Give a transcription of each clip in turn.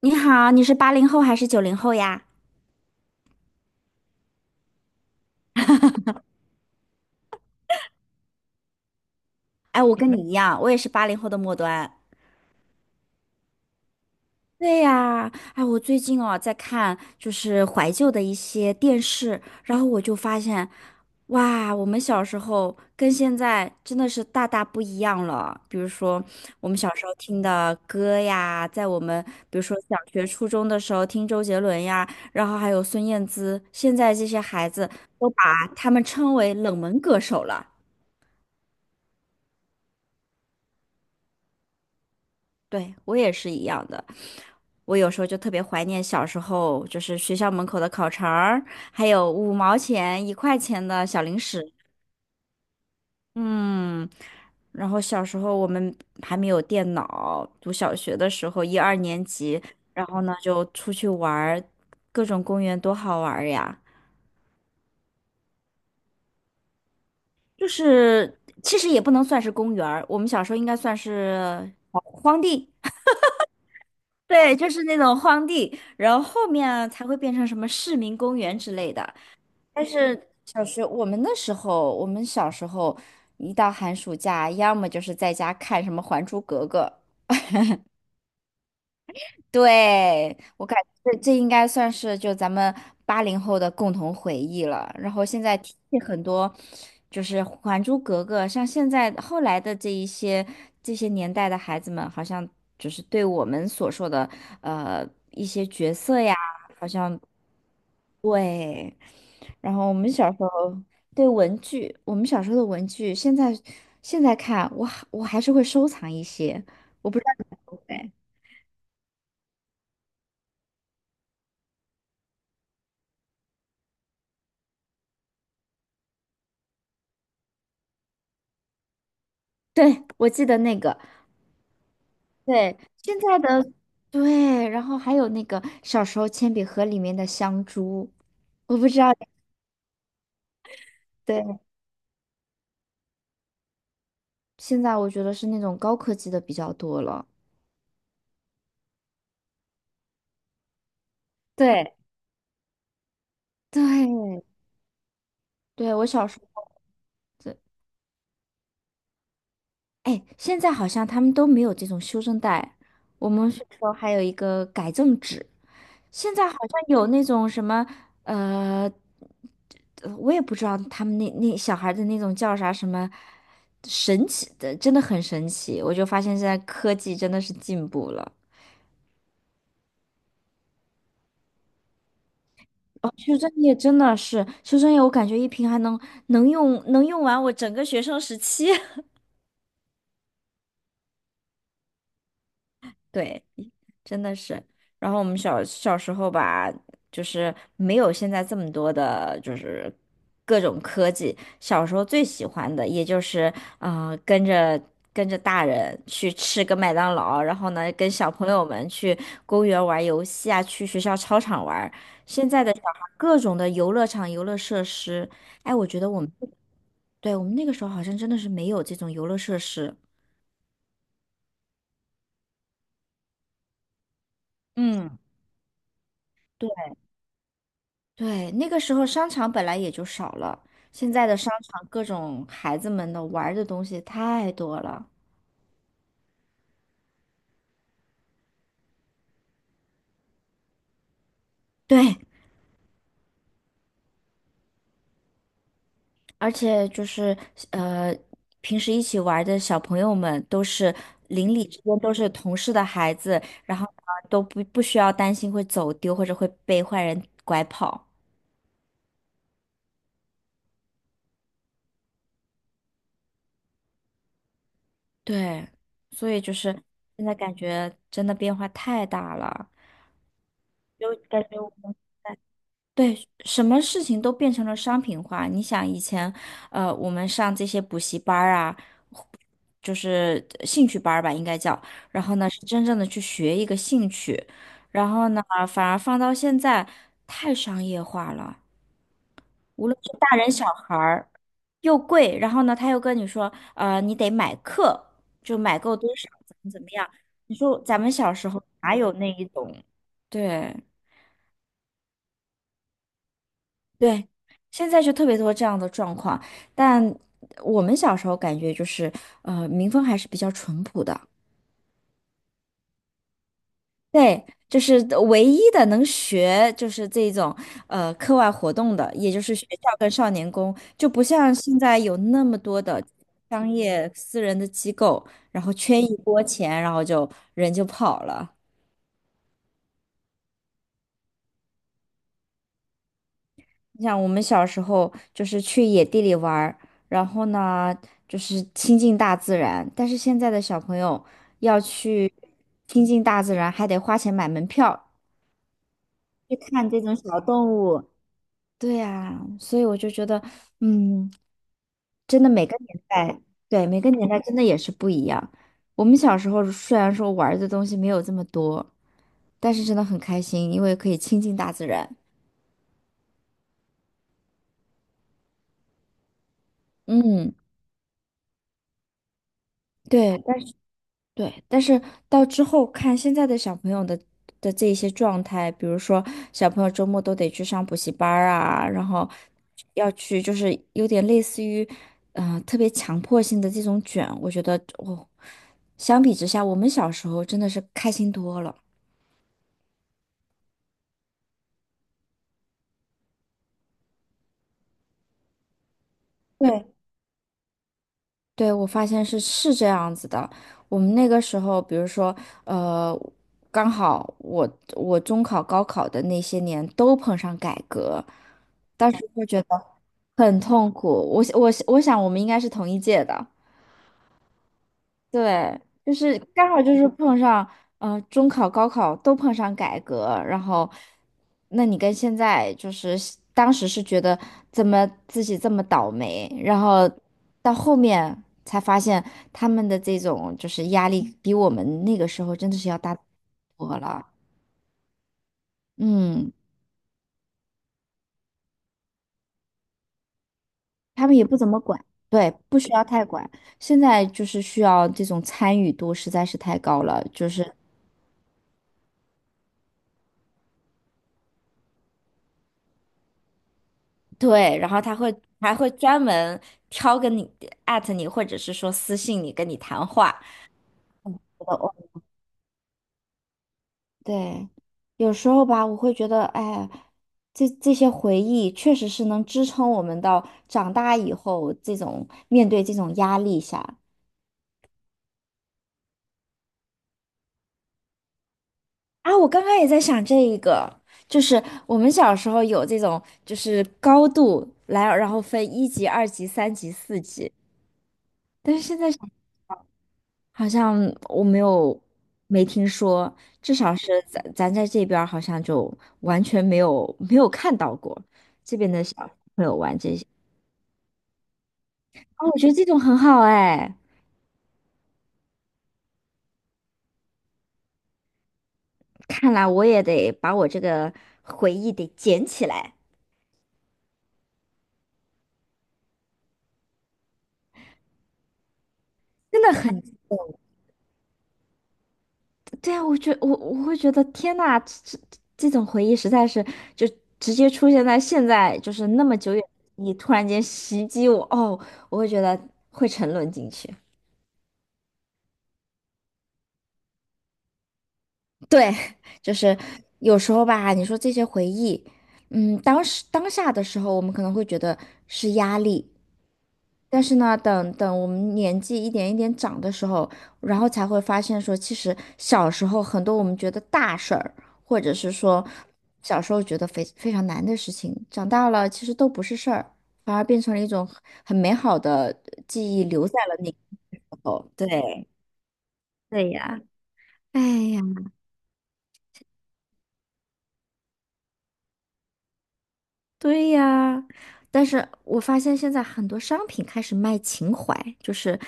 你好，你是八零后还是九零后呀？哎，我跟你一样，我也是八零后的末端。对呀。哎，我最近在看就是怀旧的一些电视，然后我就发现，哇，我们小时候跟现在真的是大大不一样了。比如说我们小时候听的歌呀，在我们比如说小学、初中的时候听周杰伦呀，然后还有孙燕姿，现在这些孩子都把他们称为冷门歌手了。对，我也是一样的。我有时候就特别怀念小时候，就是学校门口的烤肠儿，还有五毛钱、一块钱的小零食。嗯。然后小时候我们还没有电脑，读小学的时候，一二年级，然后呢就出去玩儿，各种公园多好玩儿呀！就是其实也不能算是公园儿，我们小时候应该算是荒地。对，就是那种荒地，然后后面啊才会变成什么市民公园之类的。但是小学我们小时候一到寒暑假，要么就是在家看什么《还珠格格》。对，我感觉这应该算是就咱们八零后的共同回忆了。然后现在听很多，就是《还珠格格》，像现在后来的这些年代的孩子们，好像就是对我们所说的呃一些角色呀。对，然后我们小时候对文具，我们小时候的文具，现在看，我还是会收藏一些，我不知道你会不会。对，我记得那个。对。现在的。对，然后还有那个小时候铅笔盒里面的香珠，我不知道。对，现在我觉得是那种高科技的比较多了。对对对，我小时候。哎，现在好像他们都没有这种修正带，我们是说还有一个改正纸，现在好像有那种什么，呃我也不知道他们那小孩的那种叫啥什么神奇的，真的很神奇。我就发现现在科技真的是进步了。哦，修正液真的是修正液，我感觉一瓶还能用完我整个学生时期。对，真的是。然后我们小时候吧，就是没有现在这么多的，就是各种科技。小时候最喜欢的，也就是呃，跟着跟着大人去吃个麦当劳，然后呢，跟小朋友们去公园玩游戏啊，去学校操场玩。现在的小孩各种的游乐场、游乐设施，哎，我觉得我们，对，我们那个时候好像真的是没有这种游乐设施。嗯。对。对，那个时候商场本来也就少了，现在的商场各种孩子们的玩儿的东西太多了。对，而且就是呃，平时一起玩儿的小朋友们都是邻里之间都是同事的孩子，然后呢都不需要担心会走丢或者会被坏人拐跑。对，所以就是现在感觉真的变化太大了，就感觉。我们。对，什么事情都变成了商品化。你想以前，我们上这些补习班儿啊，就是兴趣班儿吧，应该叫。然后呢，是真正的去学一个兴趣。然后呢，反而放到现在太商业化了，无论是大人小孩儿，又贵。然后呢，他又跟你说，你得买课，就买够多少，怎么怎么样。你说咱们小时候哪有那一种？对。对，现在就特别多这样的状况，但我们小时候感觉就是，民风还是比较淳朴的。对，就是唯一的能学就是这种课外活动的，也就是学校跟少年宫，就不像现在有那么多的商业私人的机构，然后圈一波钱，然后就人就跑了。你想，我们小时候就是去野地里玩儿，然后呢，就是亲近大自然。但是现在的小朋友要去亲近大自然，还得花钱买门票去看这种小动物。对呀，所以我就觉得，嗯，真的每个年代，对，每个年代真的也是不一样。我们小时候虽然说玩儿的东西没有这么多，但是真的很开心，因为可以亲近大自然。嗯。对。对，但是到之后看现在的小朋友的这一些状态，比如说小朋友周末都得去上补习班儿啊，然后要去就是有点类似于，特别强迫性的这种卷，我觉得我、相比之下，我们小时候真的是开心多了。对。对，我发现是这样子的。我们那个时候，比如说，呃，刚好我中考、高考的那些年都碰上改革，但是觉得。很痛苦。我想我们应该是同一届的。对，就是刚好就是碰上，中考、高考都碰上改革，然后，那你跟现在就是当时是觉得怎么自己这么倒霉，然后到后面才发现他们的这种就是压力比我们那个时候真的是要大多了。嗯，他们也不怎么管。对，不需要太管。现在就是需要这种参与度实在是太高了，就是。对，然后他会专门挑跟你艾特你，或者是说私信你跟你谈话。我，对，有时候吧，我会觉得，哎，这些回忆确实是能支撑我们到长大以后这种面对这种压力下。啊，我刚刚也在想这一个，就是我们小时候有这种，就是高度来，然后分一级、二级、三级、四级，但是现在想好像我没听说，至少是咱在这边儿好像就完全没有看到过这边的小朋友玩这些。哦，我觉得这种很好哎，看来我也得把我这个回忆得捡起来，真的很。对啊，我会觉得天呐，这种回忆实在是就直接出现在现在，就是那么久远，你突然间袭击我，哦，我会觉得会沉沦进去。对，就是有时候吧，你说这些回忆，当时当下的时候，我们可能会觉得是压力，但是呢，等等我们年纪一点一点长的时候，然后才会发现说，其实小时候很多我们觉得大事儿，或者是说小时候觉得非常难的事情，长大了其实都不是事儿，反而变成了一种很美好的记忆，留在了那个时候。对。对呀，哎呀。对呀，但是我发现现在很多商品开始卖情怀，就是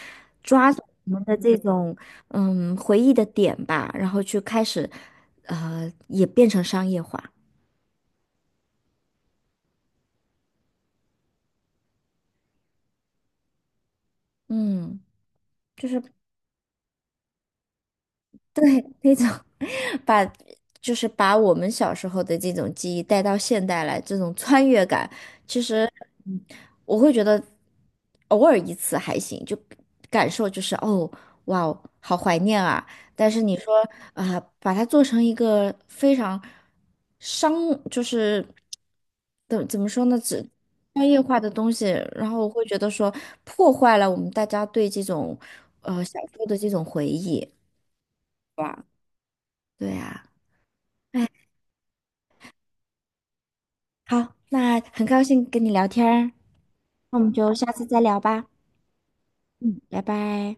抓住我们的这种回忆的点吧，然后去开始，也变成商业化。嗯。对，那种 把就是把我们小时候的这种记忆带到现代来，这种穿越感，其实嗯我会觉得偶尔一次还行，就感受就是哦，哇哦，好怀念啊！但是你说啊、把它做成一个非常商，就是怎么说呢，只商业化的东西，然后我会觉得说破坏了我们大家对这种小时候的这种回忆。对啊。好，那很高兴跟你聊天儿，那我们就下次再聊吧。嗯，拜拜。